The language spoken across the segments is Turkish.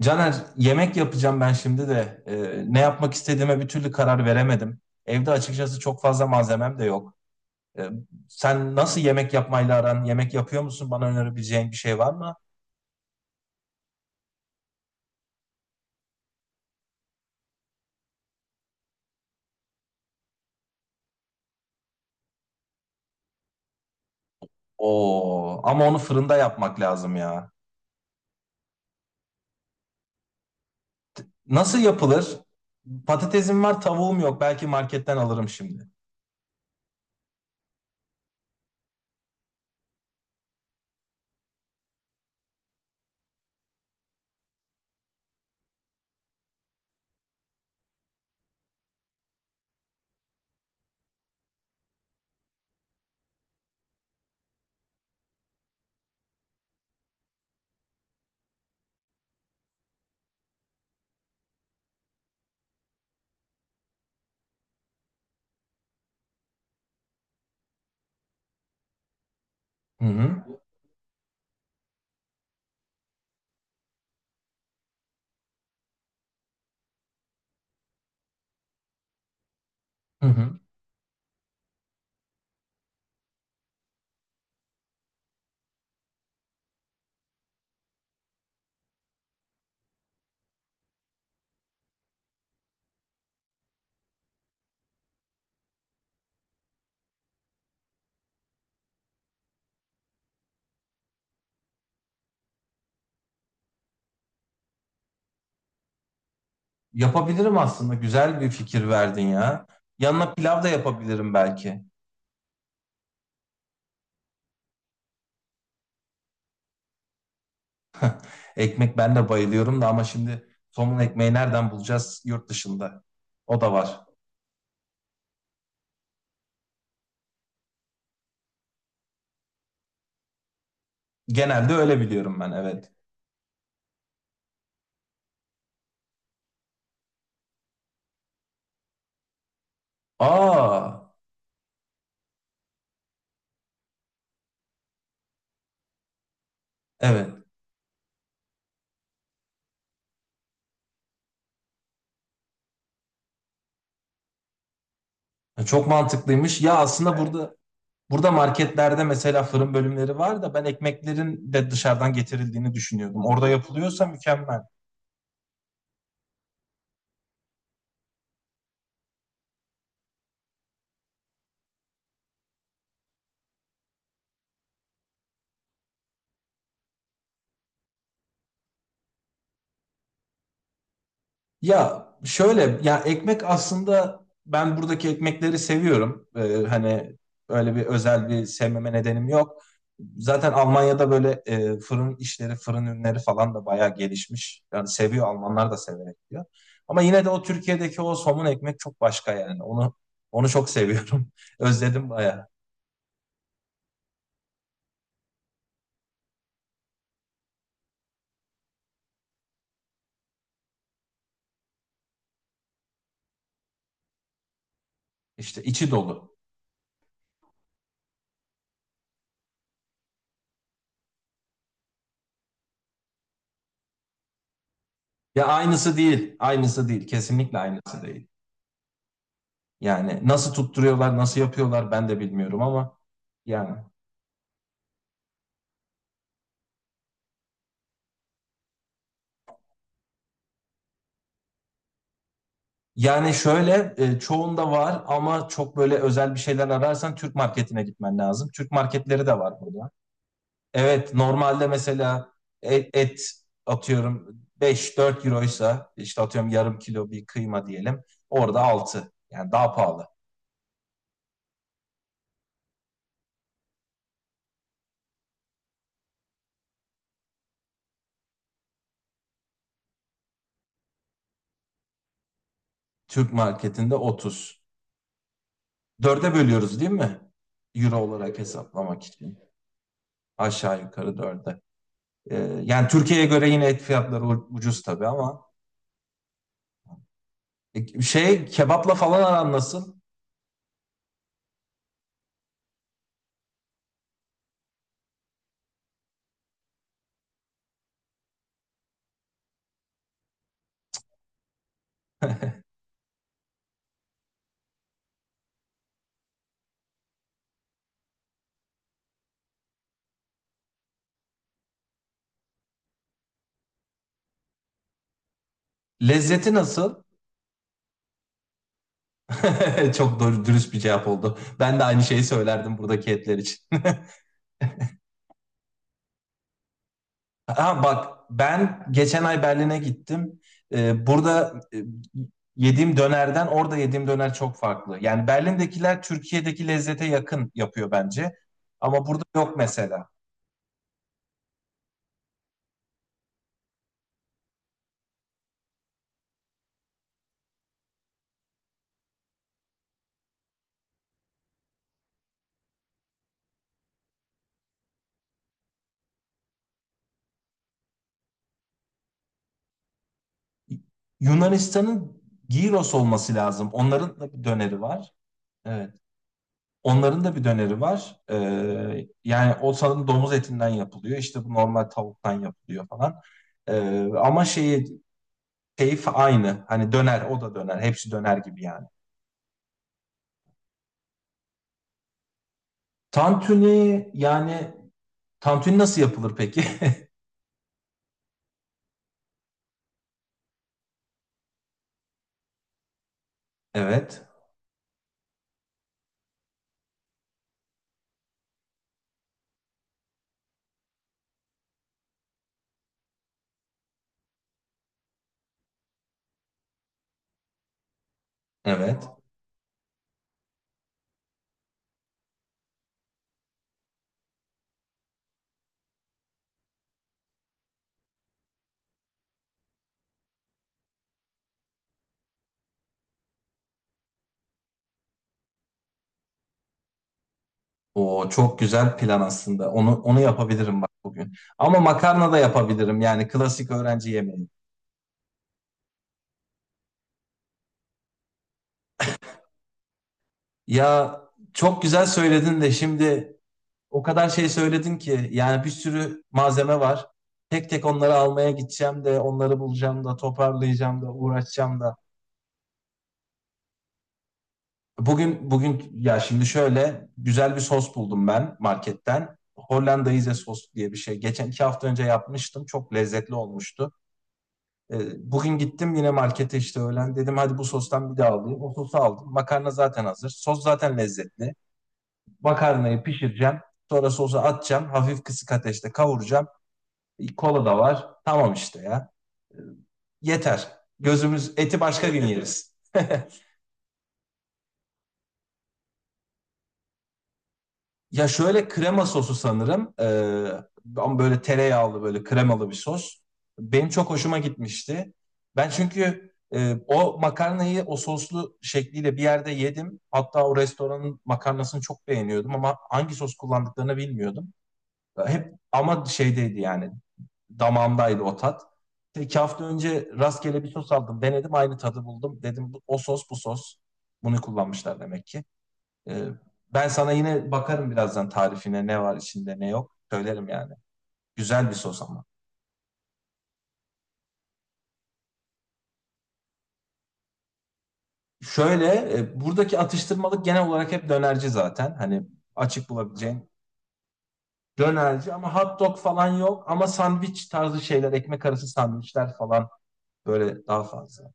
Caner, yemek yapacağım ben şimdi de ne yapmak istediğime bir türlü karar veremedim. Evde açıkçası çok fazla malzemem de yok. Ee, sen nasıl yemek yapmayla aran? Yemek yapıyor musun? Bana önerebileceğin bir şey var mı? Oo, ama onu fırında yapmak lazım ya. Nasıl yapılır? Patatesim var, tavuğum yok. Belki marketten alırım şimdi. Hı hı. Hı hı. Yapabilirim aslında. Güzel bir fikir verdin ya. Yanına pilav da yapabilirim belki. Ekmek ben de bayılıyorum da ama şimdi somun ekmeği nereden bulacağız yurt dışında? O da var. Genelde öyle biliyorum ben, evet. Aa, evet. Çok mantıklıymış. Ya, aslında. Evet. Burada marketlerde mesela fırın bölümleri var da ben ekmeklerin de dışarıdan getirildiğini düşünüyordum. Orada yapılıyorsa mükemmel. Ya şöyle, ya ekmek aslında ben buradaki ekmekleri seviyorum. Hani öyle bir özel bir sevmeme nedenim yok. Zaten Almanya'da böyle fırın işleri, fırın ürünleri falan da bayağı gelişmiş. Yani seviyor, Almanlar da severek yiyor. Ama yine de o Türkiye'deki o somun ekmek çok başka yani. Onu çok seviyorum. Özledim bayağı. İşte içi dolu. Ya, aynısı değil. Aynısı değil. Kesinlikle aynısı değil. Yani nasıl tutturuyorlar, nasıl yapıyorlar ben de bilmiyorum ama yani Yani şöyle, çoğunda var ama çok böyle özel bir şeyler ararsan Türk marketine gitmen lazım. Türk marketleri de var burada. Evet, normalde mesela et atıyorum 5-4 euroysa işte atıyorum yarım kilo bir kıyma diyelim. Orada altı, yani daha pahalı. Türk marketinde 30. Dörde bölüyoruz değil mi? Euro olarak hesaplamak için. Aşağı yukarı dörde. E, Yani Türkiye'ye göre yine et fiyatları ucuz tabii ama kebapla falan aran nasıl? Lezzeti nasıl? Çok doğru, dürüst bir cevap oldu. Ben de aynı şeyi söylerdim buradaki etler için. Ha bak, ben geçen ay Berlin'e gittim. Burada yediğim dönerden orada yediğim döner çok farklı. Yani Berlin'dekiler Türkiye'deki lezzete yakın yapıyor bence. Ama burada yok mesela. Yunanistan'ın Gyros olması lazım. Onların da bir döneri var. Evet. Onların da bir döneri var. Yani o sanırım domuz etinden yapılıyor. İşte bu normal tavuktan yapılıyor falan. Ama şeyi, keyif aynı. Hani döner, o da döner. Hepsi döner gibi yani. Tantuni, yani tantuni nasıl yapılır peki? Evet, evet. O çok güzel plan aslında. Onu yapabilirim bak bugün. Ama makarna da yapabilirim. Yani klasik öğrenci yemeği. Ya çok güzel söyledin de şimdi, o kadar şey söyledin ki yani, bir sürü malzeme var. Tek tek onları almaya gideceğim de, onları bulacağım da, toparlayacağım da, uğraşacağım da. Bugün ya şimdi şöyle güzel bir sos buldum ben marketten. Hollandaise sos diye bir şey. Geçen 2 hafta önce yapmıştım. Çok lezzetli olmuştu. E, Bugün gittim yine markete işte öğlen. Dedim hadi bu sostan bir daha alayım. O sosu aldım. Makarna zaten hazır. Sos zaten lezzetli. Makarnayı pişireceğim. Sonra sosu atacağım. Hafif kısık ateşte kavuracağım. Kola da var. Tamam işte ya. E, Yeter. Gözümüz eti başka gün yeriz. Ya şöyle, krema sosu sanırım. Ama böyle tereyağlı, böyle kremalı bir sos. Benim çok hoşuma gitmişti. Ben çünkü o makarnayı o soslu şekliyle bir yerde yedim. Hatta o restoranın makarnasını çok beğeniyordum ama hangi sos kullandıklarını bilmiyordum. Hep ama şeydeydi yani, damağımdaydı o tat. 2 hafta önce rastgele bir sos aldım. Denedim, aynı tadı buldum. Dedim o sos bu sos. Bunu kullanmışlar demek ki. Ee, Ben sana yine bakarım birazdan tarifine, ne var içinde ne yok. Söylerim yani. Güzel bir sos ama. Şöyle buradaki atıştırmalık genel olarak hep dönerci zaten. Hani açık bulabileceğin dönerci ama hot dog falan yok. Ama sandviç tarzı şeyler, ekmek arası sandviçler falan böyle daha fazla.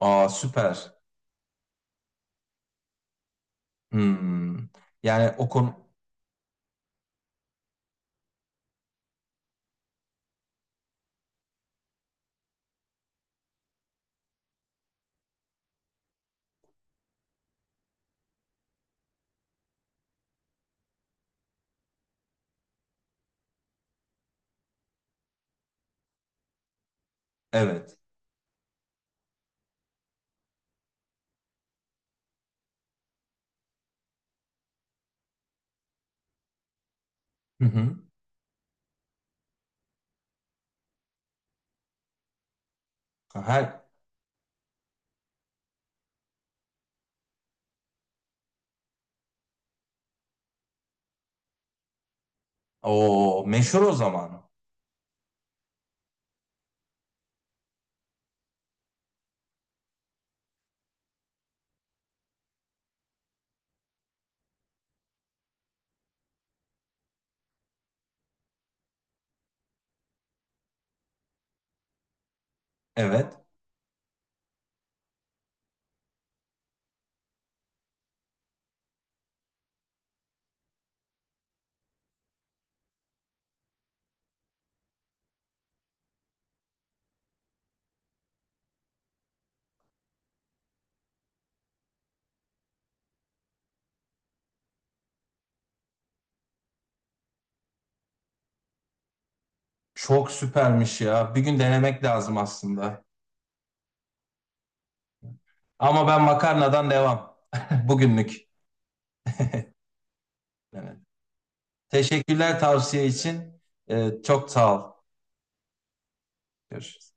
Aa, süper. Hmm. Yani o konu, evet. Hı hı. Her O meşhur o zaman. Evet. Çok süpermiş ya. Bir gün denemek lazım aslında. Ama ben makarnadan devam. Bugünlük. Evet. Teşekkürler tavsiye için. Çok sağ ol. Görüşürüz.